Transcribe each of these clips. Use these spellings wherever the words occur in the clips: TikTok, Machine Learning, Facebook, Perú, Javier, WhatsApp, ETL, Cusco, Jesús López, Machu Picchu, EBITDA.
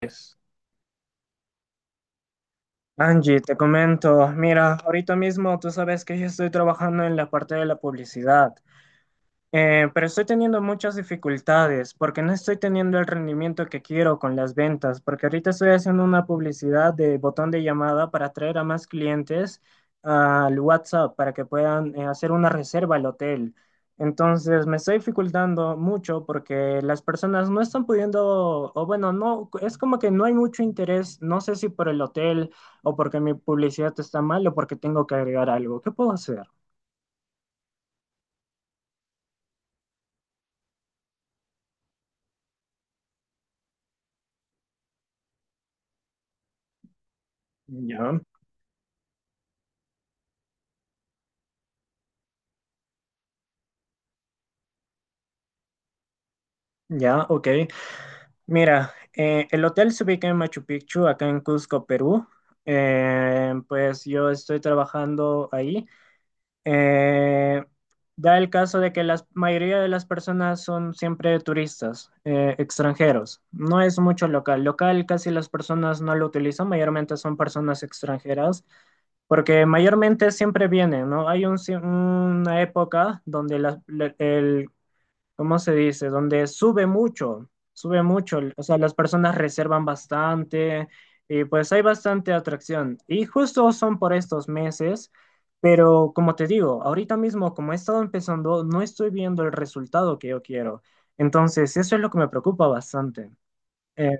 Pues, Angie, te comento, mira, ahorita mismo tú sabes que yo estoy trabajando en la parte de la publicidad. Pero estoy teniendo muchas dificultades porque no estoy teniendo el rendimiento que quiero con las ventas, porque ahorita estoy haciendo una publicidad de botón de llamada para atraer a más clientes al WhatsApp para que puedan hacer una reserva al hotel. Entonces me estoy dificultando mucho porque las personas no están pudiendo, o bueno, no, es como que no hay mucho interés, no sé si por el hotel o porque mi publicidad está mal o porque tengo que agregar algo. ¿Qué puedo hacer? Ya, ya, ok. Mira, el hotel se ubica en Machu Picchu, acá en Cusco, Perú. Pues yo estoy trabajando ahí. Eh, Da el caso de que la mayoría de las personas son siempre turistas, extranjeros. No es mucho local. Local casi las personas no lo utilizan, mayormente son personas extranjeras. Porque mayormente siempre viene, ¿no? Hay un una época donde el ¿cómo se dice? Donde sube mucho, o sea, las personas reservan bastante y pues hay bastante atracción. Y justo son por estos meses, pero como te digo, ahorita mismo como he estado empezando, no estoy viendo el resultado que yo quiero. Entonces, eso es lo que me preocupa bastante. Eh,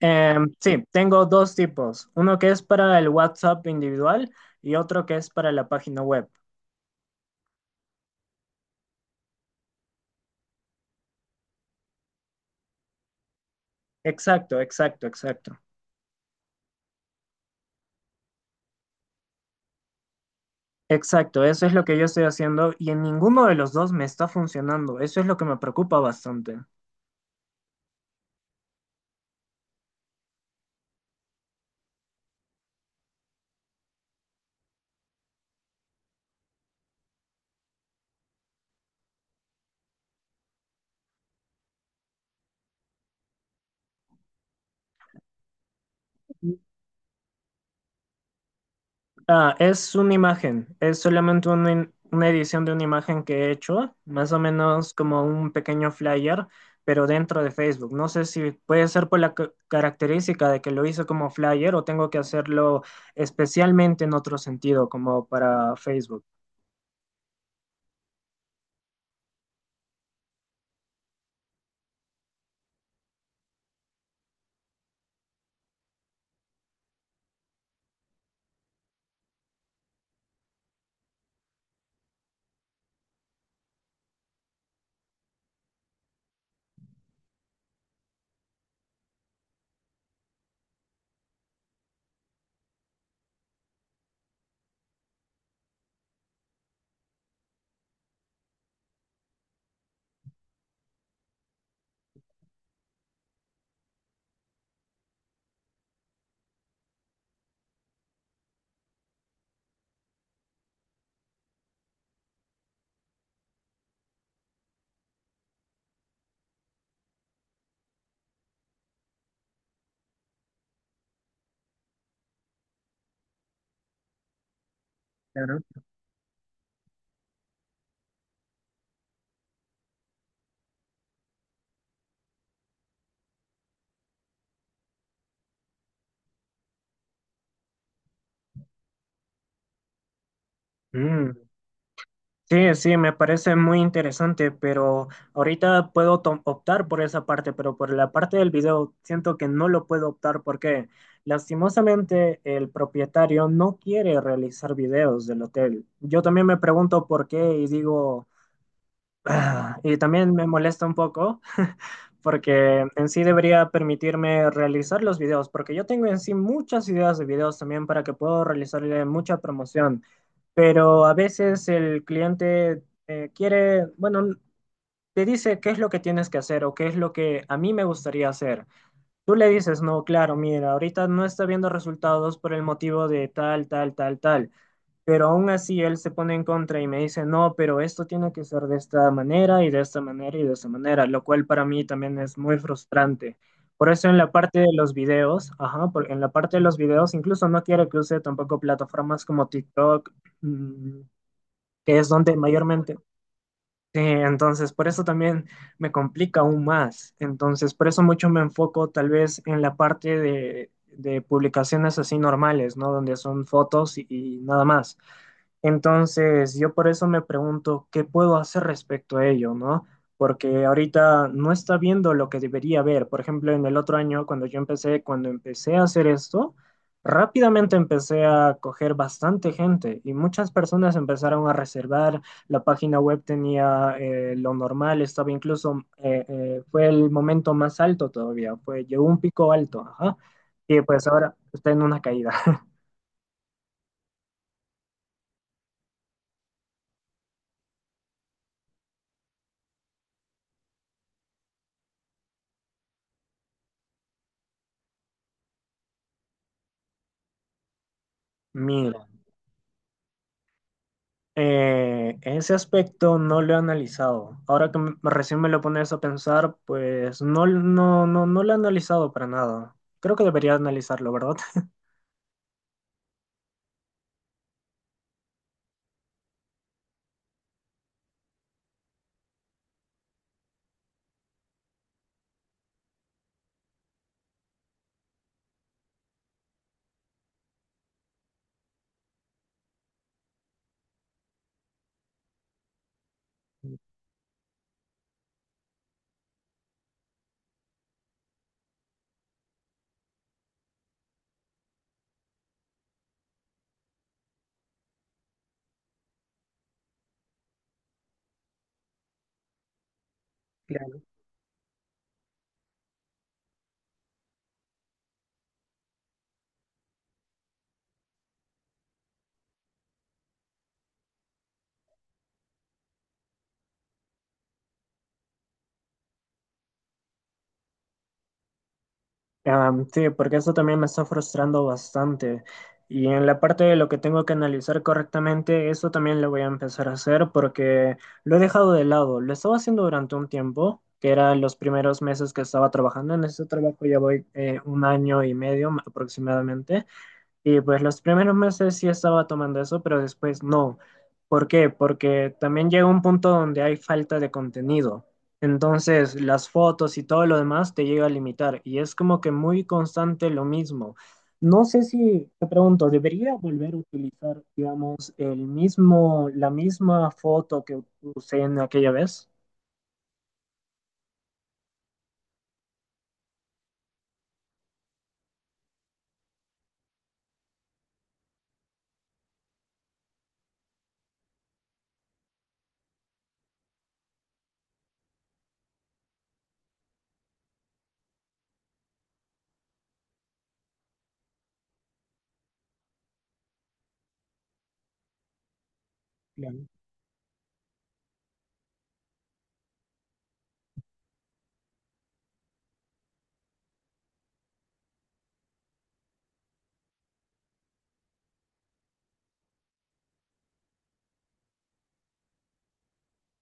sí, tengo dos tipos, uno que es para el WhatsApp individual y otro que es para la página web. Exacto, exacto, exacto. Exacto, eso es lo que yo estoy haciendo y en ninguno de los dos me está funcionando. Eso es lo que me preocupa bastante. Ah, es una imagen, es solamente una edición de una imagen que he hecho, más o menos como un pequeño flyer, pero dentro de Facebook. No sé si puede ser por la característica de que lo hice como flyer o tengo que hacerlo especialmente en otro sentido, como para Facebook. Claro. Sí, sí, me parece muy interesante, pero ahorita optar por esa parte, pero por la parte del video siento que no lo puedo optar porque lastimosamente el propietario no quiere realizar videos del hotel. Yo también me pregunto por qué y digo, ah, y también me molesta un poco porque en sí debería permitirme realizar los videos, porque yo tengo en sí muchas ideas de videos también para que puedo realizarle mucha promoción, pero a veces el cliente quiere, bueno, te dice qué es lo que tienes que hacer o qué es lo que a mí me gustaría hacer. Tú le dices, no, claro, mira, ahorita no está viendo resultados por el motivo de tal, tal, tal, tal. Pero aún así él se pone en contra y me dice, no, pero esto tiene que ser de esta manera y de esta manera y de esta manera, lo cual para mí también es muy frustrante. Por eso en la parte de los videos, ajá, en la parte de los videos incluso no quiero que use tampoco plataformas como TikTok, mm, que es donde mayormente... Sí, entonces por eso también me complica aún más. Entonces por eso mucho me enfoco tal vez en la parte de publicaciones así normales, ¿no? Donde son fotos y nada más entonces, yo por eso me pregunto qué puedo hacer respecto a ello, ¿no? Porque ahorita no está viendo lo que debería ver. Por ejemplo, en el otro año, cuando yo empecé, cuando empecé a hacer esto, rápidamente empecé a coger bastante gente y muchas personas empezaron a reservar. La página web tenía lo normal, estaba incluso, fue el momento más alto todavía, fue, llegó un pico alto, ajá. Y pues ahora está en una caída. Mira. Ese aspecto no lo he analizado. Ahora que recién me lo pones a pensar, pues no, no, no, no lo he analizado para nada. Creo que debería analizarlo, ¿verdad? Claro. Sí, porque eso también me está frustrando bastante. Y en la parte de lo que tengo que analizar correctamente, eso también lo voy a empezar a hacer porque lo he dejado de lado. Lo estaba haciendo durante un tiempo, que eran los primeros meses que estaba trabajando. En este trabajo ya voy un año y medio aproximadamente. Y pues los primeros meses sí estaba tomando eso, pero después no. ¿Por qué? Porque también llega un punto donde hay falta de contenido. Entonces las fotos y todo lo demás te llega a limitar y es como que muy constante lo mismo. No sé si, te pregunto, ¿debería volver a utilizar, digamos, el mismo, la misma foto que usé en aquella vez? Claro.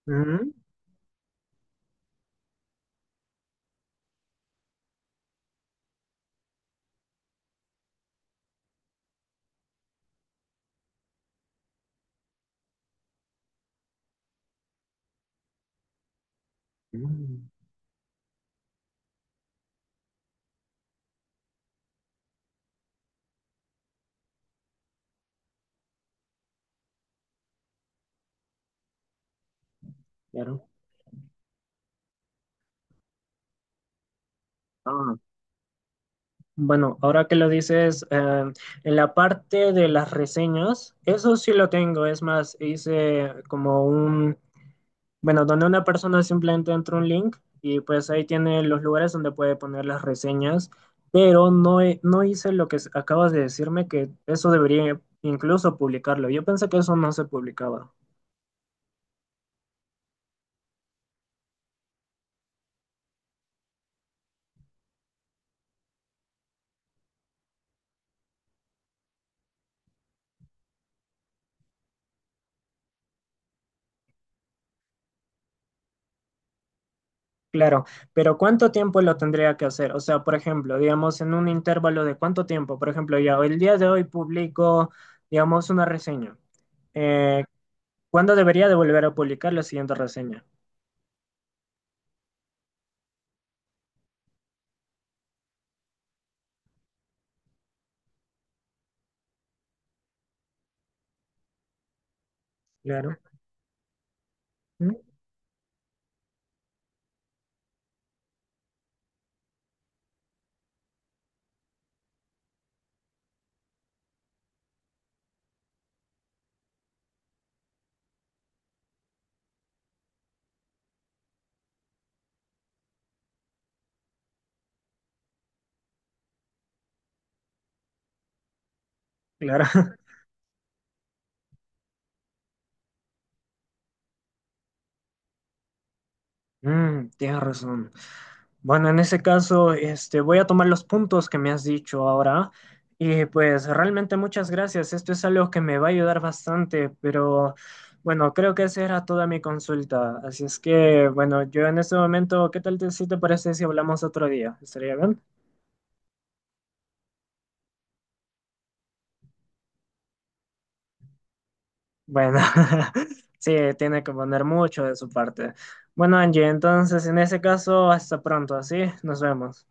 Ujú. Mm, claro. Ah. Bueno, ahora que lo dices, en la parte de las reseñas, eso sí lo tengo. Es más, hice como bueno, donde una persona simplemente entra un link y pues ahí tiene los lugares donde puede poner las reseñas, pero no, no hice lo que acabas de decirme, que eso debería incluso publicarlo. Yo pensé que eso no se publicaba. Claro, pero ¿cuánto tiempo lo tendría que hacer? O sea, por ejemplo, digamos, en un intervalo de cuánto tiempo. Por ejemplo, ya el día de hoy publico, digamos, una reseña. Eh, ¿Cuándo debería de volver a publicar la siguiente reseña? Claro, ¿mm? Claro. Mm, tienes razón. Bueno, en ese caso, este, voy a tomar los puntos que me has dicho ahora. Y pues realmente muchas gracias. Esto es algo que me va a ayudar bastante, pero bueno, creo que esa era toda mi consulta. Así es que, bueno, yo en este momento, ¿qué tal te, si te parece si hablamos otro día? ¿Estaría bien? Bueno, sí, tiene que poner mucho de su parte. Bueno, Angie, entonces en ese caso, hasta pronto, ¿sí? Nos vemos.